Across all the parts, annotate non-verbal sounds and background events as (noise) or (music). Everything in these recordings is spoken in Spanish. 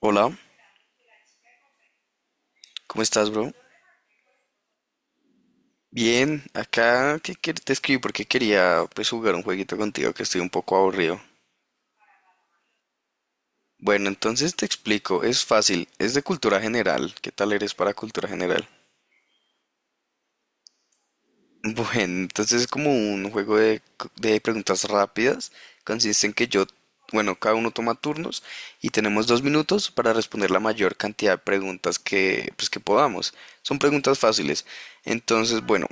Hola, ¿cómo estás, bro? Bien, acá que quer- te escribí porque quería pues jugar un jueguito contigo que estoy un poco aburrido. Bueno, entonces te explico, es fácil, es de cultura general. ¿Qué tal eres para cultura general? (laughs) Bueno, entonces es como un juego de, c- de preguntas rápidas. Consiste en que yo, bueno, cada uno toma turnos y tenemos dos minutos para responder la mayor cantidad de preguntas que, pues, que podamos. Son preguntas fáciles. Entonces, bueno,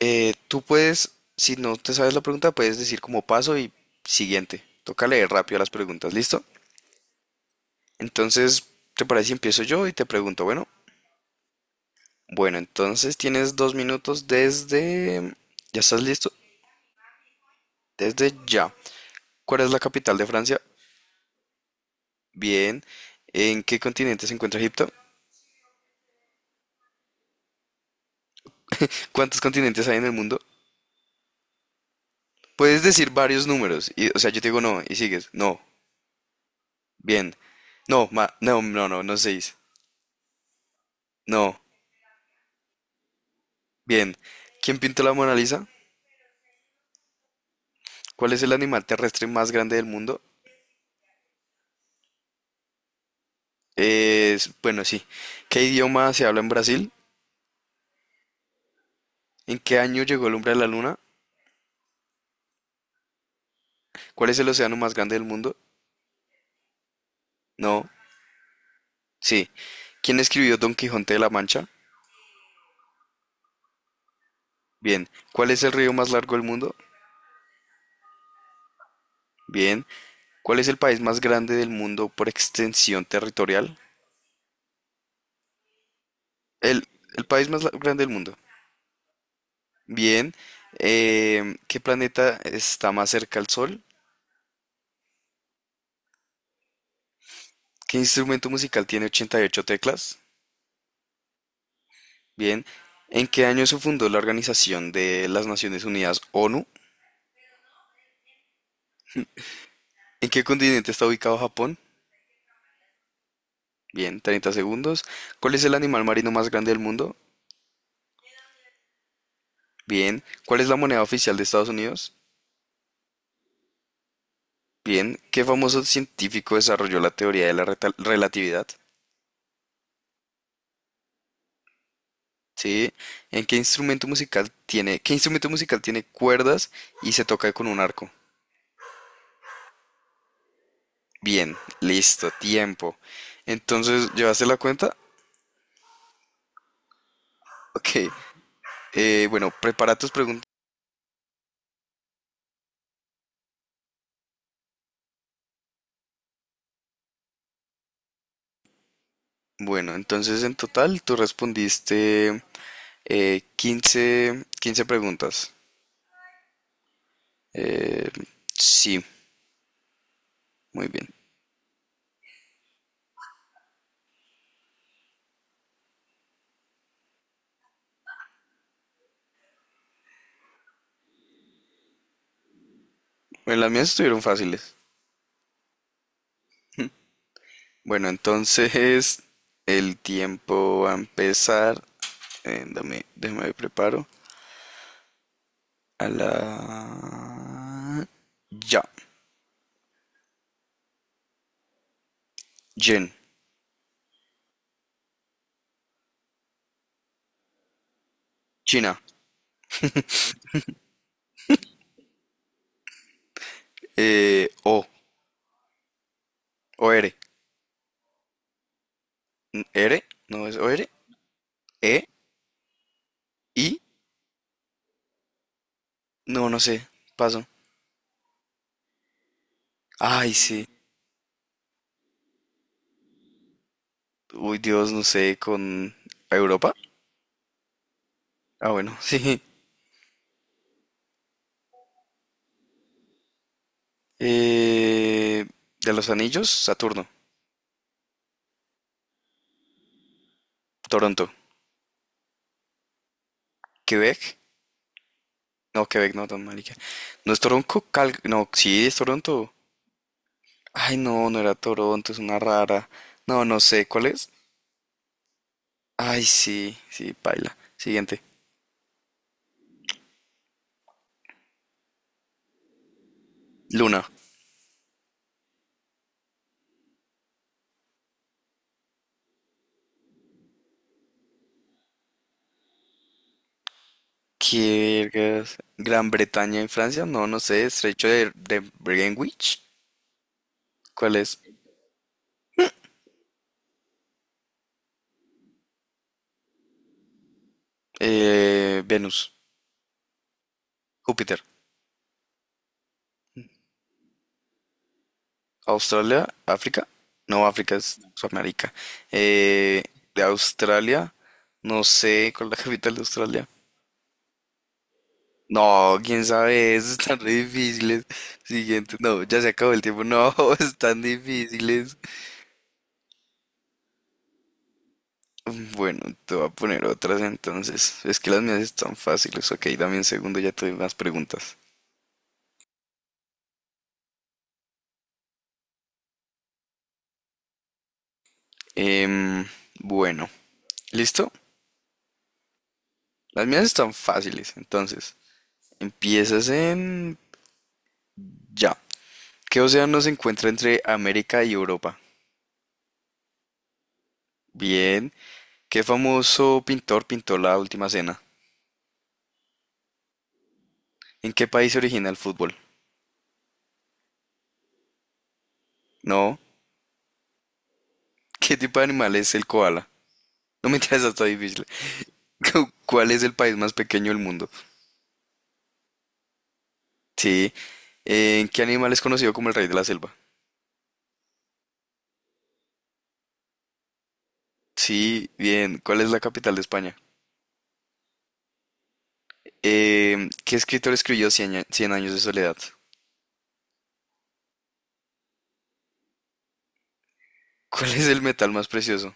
Tú puedes, si no te sabes la pregunta, puedes decir como paso y siguiente. Toca leer rápido las preguntas, ¿listo? Entonces, ¿te parece si empiezo yo y te pregunto? Bueno, bueno, entonces tienes dos minutos desde... ¿Ya estás listo? Desde ya. ¿Cuál es la capital de Francia? Bien. ¿En qué continente se encuentra Egipto? ¿Cuántos continentes hay en el mundo? Puedes decir varios números. Y, o sea, yo te digo no y sigues. No. Bien. No, ma- no, no, no, no seis. No. Bien. ¿Quién pintó la Mona Lisa? ¿Cuál es el animal terrestre más grande del mundo? Es, bueno, sí. ¿Qué idioma se habla en Brasil? ¿En qué año llegó el hombre a la luna? ¿Cuál es el océano más grande del mundo? No, sí. ¿Quién escribió Don Quijote de la Mancha? Bien. ¿Cuál es el río más largo del mundo? Bien. ¿Cuál es el país más grande del mundo por extensión territorial? El, el país más la- grande del mundo. Bien. ¿Qué planeta está más cerca al Sol? ¿Qué instrumento musical tiene 88 teclas? Bien, ¿en qué año se fundó la Organización de las Naciones Unidas, ONU? ¿En qué continente está ubicado Japón? Bien, treinta segundos. ¿Cuál es el animal marino más grande del mundo? Bien. ¿Cuál es la moneda oficial de Estados Unidos? Bien. ¿Qué famoso científico desarrolló la teoría de la reta- relatividad? Sí. ¿En qué instrumento musical tiene, qué instrumento musical tiene cuerdas y se toca con un arco? Bien, listo, tiempo. Entonces, ¿llevaste la cuenta? Ok. Bueno, prepara tus preguntas. Bueno, entonces en total tú respondiste 15 15 preguntas. Eh, sí, muy bien. Bueno, las mías estuvieron fáciles. Bueno, entonces (laughs) el tiempo va a empezar. Dame, déjame me preparo. A la... Ya. Yen. China. O. O R. N- R. No es O R. E. I. No, no sé. Paso. Ay, sí. Uy, Dios, no sé, con Europa. Ah, bueno, (laughs) sí. Eh, de los anillos, Saturno, Toronto, Quebec. No, Quebec, no, tan marica. No es Toronto, Cal... No, sí, es Toronto. Ay, no, no era Toronto, es una rara. No, no sé, ¿cuál es? Ay, sí, sí, paila. Siguiente. Luna. ¿Qué vergas? Gran Bretaña en Francia. No, no sé. Estrecho de Greenwich. ¿Cuál es? Venus. Júpiter. Australia, África. No, África es Sudamérica. Eh, de Australia, no sé cuál es la (laughs) capital de Australia. No, quién sabe, eso están re difíciles. Siguiente, no, ya se acabó el tiempo. No, (laughs) están difíciles. Bueno, te voy a poner otras entonces. Es que las mías están fáciles. Ok, dame un segundo, ya te doy más preguntas. Em, bueno, ¿listo? Las mías están fáciles. Entonces, empiezas en ya. ¿Qué océano se encuentra entre América y Europa? Bien. ¿Qué famoso pintor pintó la última cena? ¿En qué país se origina el fútbol? No. ¿Qué tipo de animal es el koala? No me interesa, está difícil. (laughs) ¿Cuál es el país más pequeño del mundo? Sí. ¿En qué animal es conocido como el rey de la selva? Sí, bien. ¿Cuál es la capital de España? ¿Qué escritor escribió Cien años de soledad? ¿Cuál es el metal más precioso?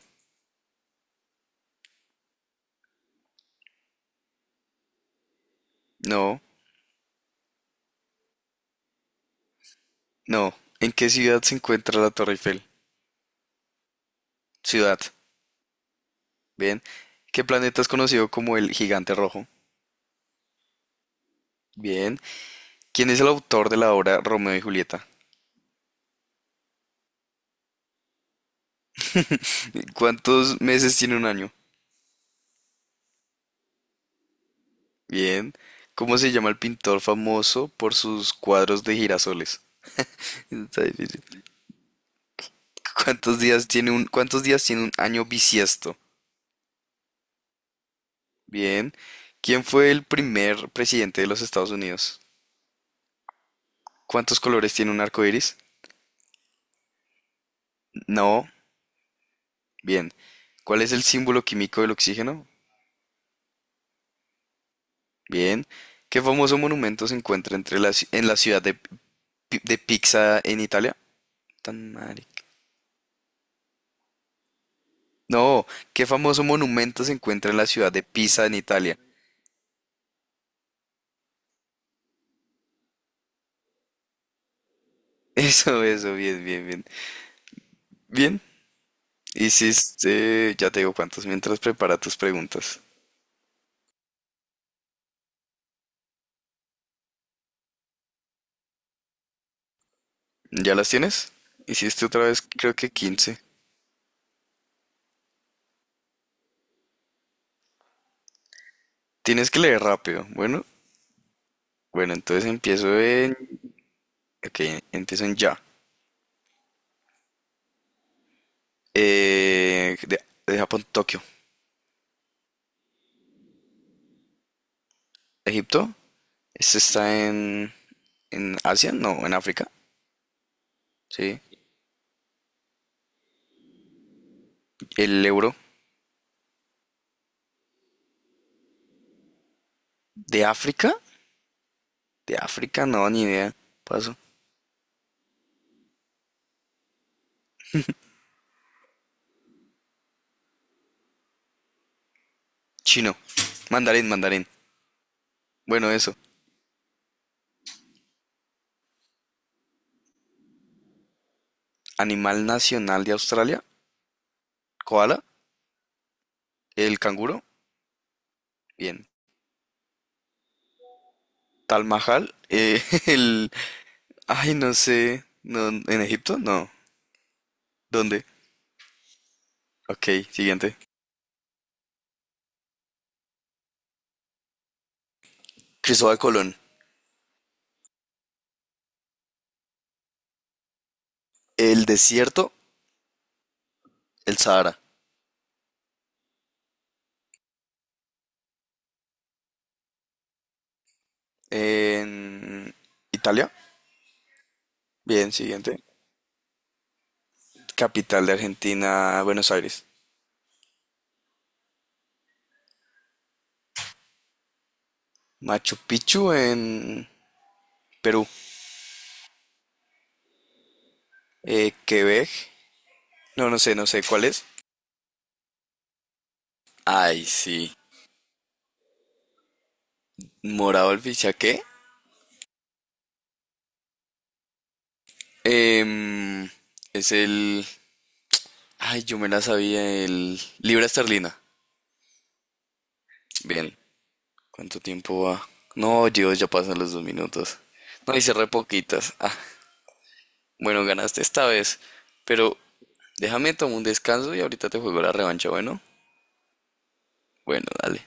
No, no. ¿En qué ciudad se encuentra la Torre Eiffel? Ciudad. Bien. ¿Qué planeta es conocido como el Gigante Rojo? Bien. ¿Quién es el autor de la obra Romeo y Julieta? (laughs) ¿Cuántos meses tiene un año? Bien. ¿Cómo se llama el pintor famoso por sus cuadros de girasoles? (laughs) Está difícil. ¿Cuántos días tiene cuántos días tiene un año bisiesto? Bien. ¿Quién fue el primer presidente de los Estados Unidos? ¿Cuántos colores tiene un arco iris? No. Bien. ¿Cuál es el símbolo químico del oxígeno? Bien. ¿Qué famoso monumento se encuentra en la ciudad de Pisa en Italia? Tan marica. No, ¿qué famoso monumento se encuentra en la ciudad de Pisa en Italia? (laughs) Eso, bien, bien, bien. Bien, hiciste, ya te digo cuántos, mientras prepara tus preguntas. ¿Ya las tienes? Hiciste otra vez, creo que quince. Tienes que leer rápido. Bueno, bueno, entonces empiezo en... Ok, empiezo en ya. Eh, de, de Japón, Tokio. Egipto. Este está en... ¿En Asia? No, en África. Sí. El euro. ¿De África? De África, no, ni idea. Paso. Chino. Mandarín. Bueno, eso. Animal nacional de Australia. Koala. El canguro. Bien. Tal Mahal. (laughs) El... Ay, no sé. No, ¿en Egipto? No. ¿Dónde? Ok, siguiente. Cristóbal Colón. El desierto. El Sahara. En Italia. Bien, siguiente. Capital de Argentina, Buenos Aires. Machu Picchu en Perú. Quebec. No, no sé, no sé cuál es. Ay, sí. Morado el Fichaqué. Em, es el... Ay, yo me la sabía. El... Libra esterlina. Bien. ¿Cuánto tiempo va? No, Dios, ya pasan los dos minutos. No, hice re poquitas. Ah, bueno, ganaste esta vez. Pero déjame tomar un descanso y ahorita te juego la revancha, ¿bueno? Bueno, dale.